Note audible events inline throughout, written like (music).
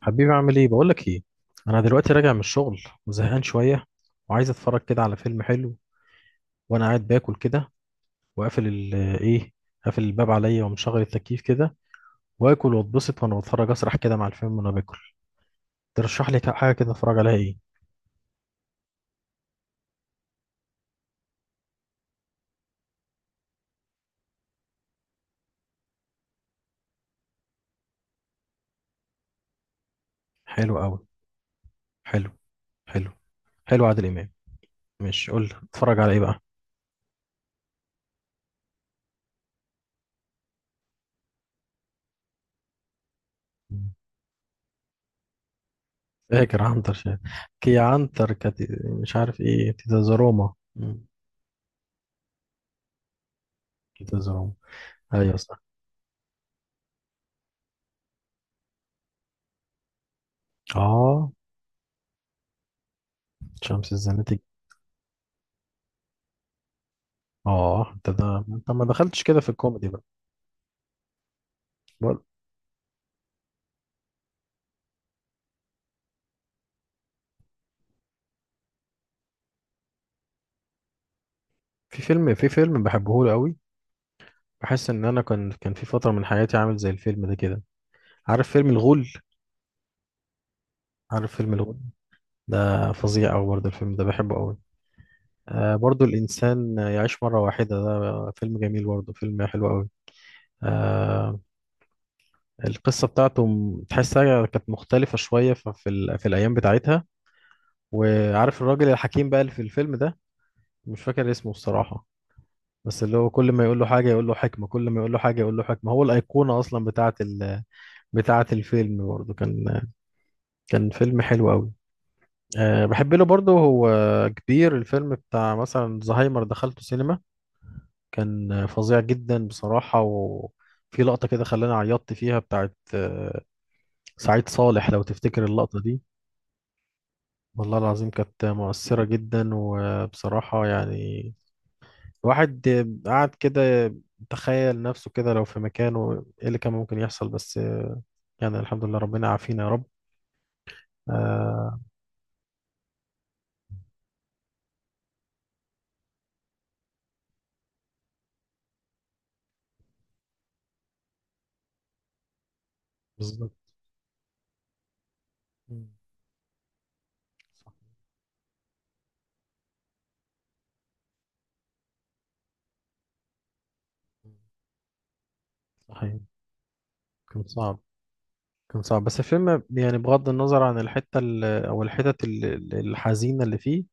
حبيبي، عامل ايه؟ بقول لك ايه، انا دلوقتي راجع من الشغل وزهقان شويه وعايز اتفرج كده على فيلم حلو، وانا قاعد باكل كده وقافل ال ايه، قافل الباب عليا ومشغل التكييف كده، واكل واتبسط وانا بتفرج اسرح كده مع الفيلم وانا باكل. ترشح لي حاجه كده اتفرج عليها ايه؟ حلو قوي. حلو. حلو. حلو عادل امام. ماشي، قول لي اتفرج على ايه بقى؟ فاكر عنتر كي عنتر كت... مش عارف ايه تيتا زروما. مم. تيتا زروما. ايوه صح. اه، شمس الزناتي. اه، انت ده انت ما دخلتش كده في الكوميدي بقى؟ بقول- في فيلم بحبه له قوي. بحس ان انا كان في فتره من حياتي عامل زي الفيلم ده كده. عارف فيلم الغول؟ عارف فيلم الغول؟ ده فظيع قوي برضه الفيلم ده بحبه قوي. آه، برضه الانسان يعيش مره واحده، ده فيلم جميل برضه، فيلم حلو قوي. آه. القصه بتاعته تحسها كانت مختلفه شويه في الايام بتاعتها. وعارف الراجل الحكيم بقى اللي في الفيلم ده، مش فاكر اسمه الصراحه، بس اللي هو كل ما يقول له حاجة يقول له حكمة، كل ما يقول له حاجة يقول له حكمة. هو الأيقونة أصلا بتاعة الفيلم برضه. كان فيلم حلو قوي. أه، بحب له برضه هو كبير الفيلم بتاع مثلا زهايمر، دخلته سينما، كان فظيع جدا بصراحة. وفي لقطة كده خلاني عيطت فيها بتاعة سعيد صالح، لو تفتكر اللقطة دي. والله العظيم كانت مؤثرة جدا، وبصراحة يعني واحد قعد كده تخيل نفسه كده لو في مكانه، ايه اللي كان ممكن يحصل؟ بس يعني الحمد لله ربنا عافينا يا رب. آه. بالظبط. مم. صح. مم. صحيح. كان صعب، كان صعب بس الفيلم، يعني بغض النظر عن الحتة أو الحتت الحزينة اللي فيه،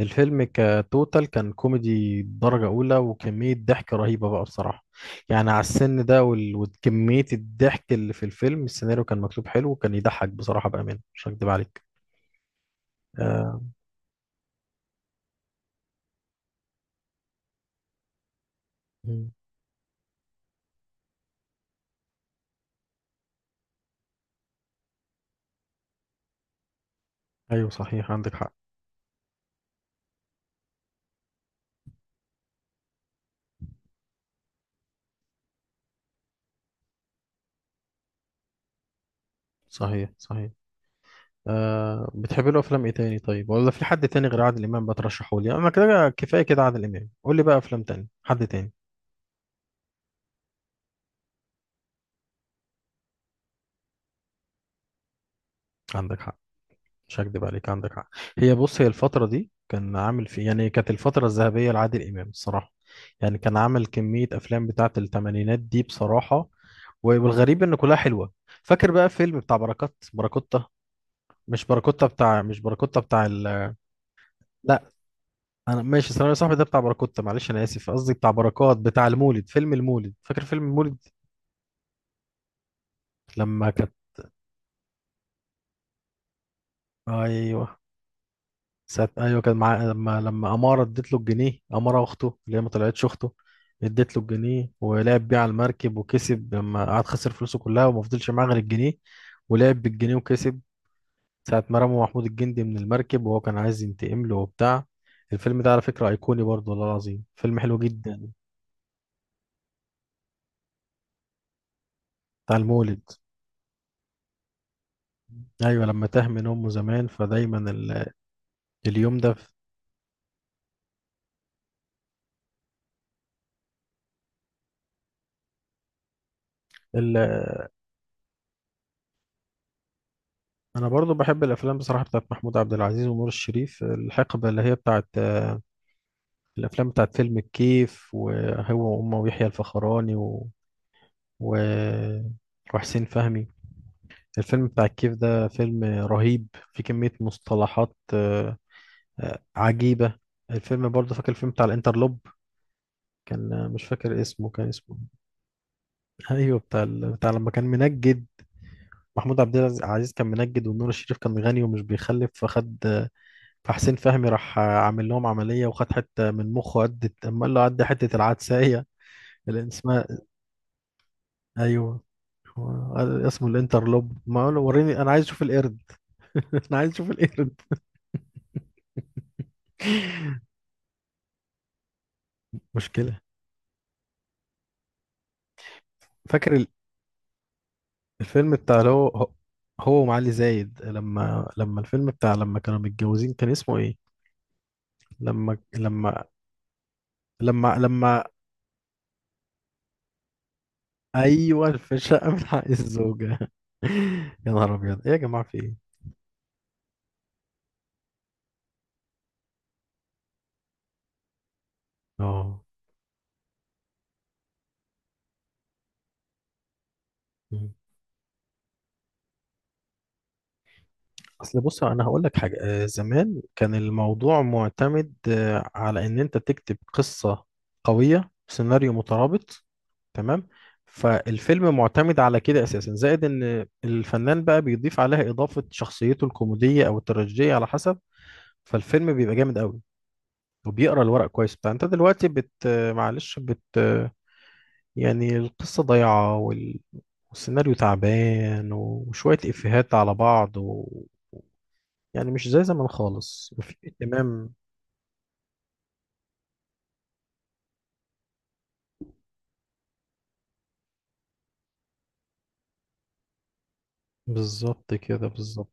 الفيلم كتوتال كان كوميدي درجة أولى، وكمية ضحك رهيبة بقى بصراحة. يعني على السن ده وكمية الضحك اللي في الفيلم، السيناريو كان مكتوب حلو وكان يضحك بصراحة، بأمانة مش هكدب عليك. آه. مم. ايوه صحيح، عندك حق. صحيح. صحيح. آه، بتحب له افلام ايه تاني؟ طيب ولا في حد تاني غير عادل امام بترشحه لي؟ انا كده كفايه كده عادل امام، قول لي بقى افلام تاني حد تاني. عندك حق، مش هكدب عليك، عندك حق. هي بص، هي الفتره دي كان عامل في، يعني كانت الفتره الذهبيه لعادل امام الصراحه. يعني كان عامل كميه افلام بتاعه الثمانينات دي بصراحه، والغريب ان كلها حلوه. فاكر بقى فيلم بتاع بركات؟ بركوتة، مش بركوتة، بتاع، مش بركوتة بتاع لا، انا ماشي ثانوي يا صاحبي، ده بتاع بركوت، معلش انا اسف، قصدي بتاع بركات بتاع المولد، فيلم المولد، فاكر فيلم المولد؟ لما كانت، ايوه سات، ايوه كان مع لما اماره اديت له الجنيه، اماره اخته اللي هي ما طلعتش اخته، اديت له الجنيه ولعب بيه على المركب وكسب، لما قعد خسر فلوسه كلها وما فضلش معاه غير الجنيه، ولعب بالجنيه وكسب ساعة ما رموا محمود الجندي من المركب، وهو كان عايز ينتقم له وبتاع. الفيلم ده على فكرة أيقوني برضه، والله العظيم فيلم حلو جدا. بتاع المولد. أيوة، لما تاه من أمه زمان فدايما اليوم ده في ال... انا برضو بحب الافلام بصراحه بتاعت محمود عبد العزيز ونور الشريف، الحقبه اللي هي بتاعت الافلام بتاعت فيلم الكيف وهو وامه ويحيى الفخراني و... وحسين فهمي. الفيلم بتاع الكيف ده فيلم رهيب، في كميه مصطلحات عجيبه. الفيلم برضو، فاكر الفيلم بتاع الانترلوب؟ كان مش فاكر اسمه كان اسمه. ايوه، بتاع بتاع لما كان منجد. محمود عبد العزيز كان منجد ونور الشريف كان غني ومش بيخلف فخد، فحسين فهمي راح عامل لهم عملية وخد حتة من مخه قد أما قال له عدي حتة العدسية اللي اسمها. أيوه. قال اسمه الانترلوب، ما قال له وريني أنا عايز أشوف القرد. (laughs) أنا عايز أشوف القرد. مشكلة. فاكر الفيلم بتاع اللي هو ومعالي زايد، لما الفيلم بتاع لما كانوا متجوزين كان اسمه إيه؟ لما لما لما، أيوه، في الشقة من حق الزوجة. (laughs) يا نهار أبيض، إيه يا جماعة في إيه؟ آه. اصل بص، انا هقول لك حاجه، زمان كان الموضوع معتمد على ان انت تكتب قصه قويه، سيناريو مترابط، تمام. فالفيلم معتمد على كده اساسا، زائد ان الفنان بقى بيضيف عليها اضافه شخصيته الكوميديه او التراجيديه على حسب، فالفيلم بيبقى جامد قوي، وبيقرا الورق كويس بتاع. انت دلوقتي بت آه، معلش بت آه، يعني القصه ضايعه والسيناريو تعبان، وشويه افيهات على بعض، يعني مش زي زمان خالص، وفي اهتمام. بالظبط كده بالظبط.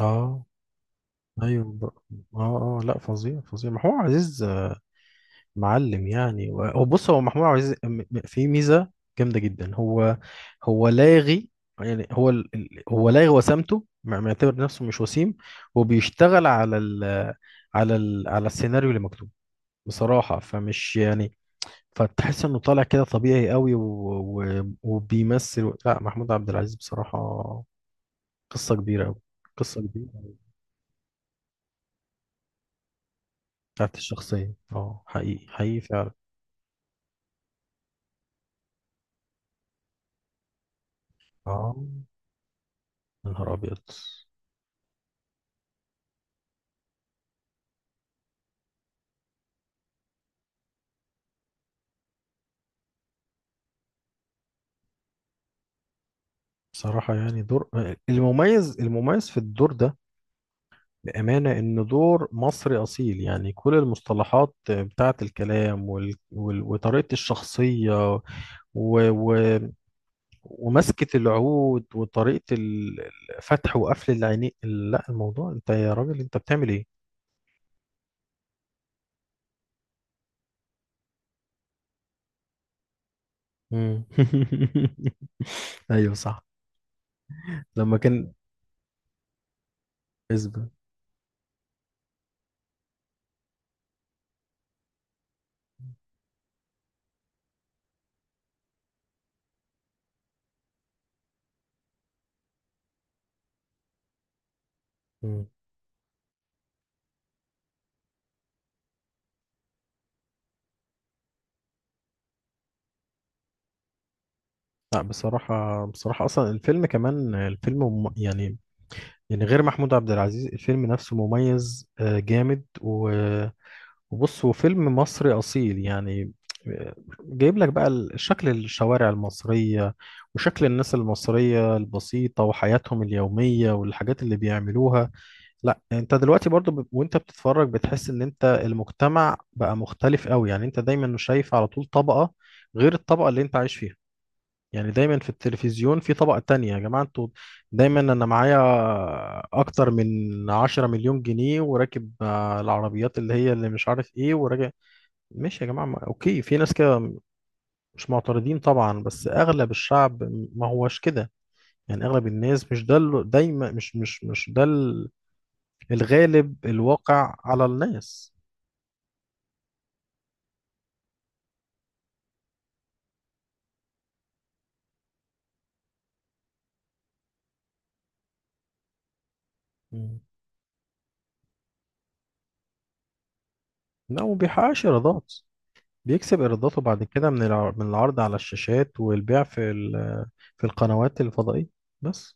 اه. ايوه بقى. اه، اه، لا فظيع فظيع محمود عزيز. معلم يعني. هو بص، هو محمود عزيز في ميزه جامده جدا. هو لاغي. يعني هو لاغي، وسامته معتبر نفسه مش وسيم، وبيشتغل على السيناريو اللي مكتوب بصراحه، فمش يعني، فتحس انه طالع كده طبيعي قوي وبيمثل. لا، محمود عبد العزيز بصراحه قصة كبيرة أوي، قصة كبيرة أوي. بتاعت الشخصية، اه حقيقي حقيقي فعلا. اه. يا نهار أبيض. بصراحة يعني دور، المميز المميز في الدور ده، بأمانة إن دور مصري أصيل. يعني كل المصطلحات بتاعت الكلام وطريقة الشخصية و... و... ومسكة العود وطريقة الفتح وقفل العينين. لا الموضوع، أنت يا راجل أنت بتعمل إيه؟ مم. (laughs) ايوه صح. لما كان. اسبه. مم. لا بصراحة بصراحة أصلا الفيلم كمان الفيلم يعني، يعني غير محمود عبد العزيز الفيلم نفسه مميز، جامد وبص هو فيلم مصري أصيل يعني. آه، جايب لك بقى شكل الشوارع المصرية، وشكل الناس المصرية البسيطة وحياتهم اليومية والحاجات اللي بيعملوها. لا انت دلوقتي برضو وانت بتتفرج بتحس ان انت المجتمع بقى مختلف قوي، يعني انت دايما شايف على طول طبقة غير الطبقة اللي انت عايش فيها، يعني دايما في التلفزيون في طبقة تانية. يا جماعة انتوا، دايما انا معايا اكتر من 10 مليون جنيه وراكب العربيات اللي هي اللي مش عارف ايه وراجع. ماشي يا جماعة، اوكي في ناس كده، مش معترضين طبعا، بس اغلب الشعب ما هوش كده. يعني اغلب الناس مش ده دايما مش ده الغالب الواقع على الناس. مم. لا وما بيحققش ايرادات، بيكسب ايراداته بعد كده من من العرض على الشاشات والبيع في في القنوات الفضائية بس.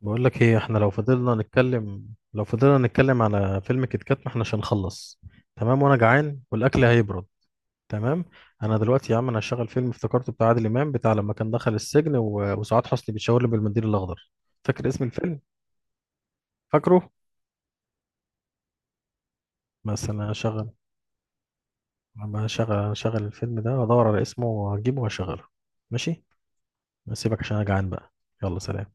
بقول لك ايه، احنا لو فضلنا نتكلم، لو فضلنا نتكلم على فيلم كيت كات ما احنا مش هنخلص. تمام، وانا جعان والاكل هيبرد. تمام. انا دلوقتي يا عم انا هشغل فيلم افتكرته بتاع عادل امام، بتاع لما كان دخل السجن وسعاد حسني بيتشاور بالمنديل الاخضر، فاكر اسم الفيلم؟ فاكره. بس انا هشغل. لما هشغل الفيلم ده هدور على اسمه وهجيبه وهشغله. ماشي. سيبك عشان انا جعان بقى. يلا سلام.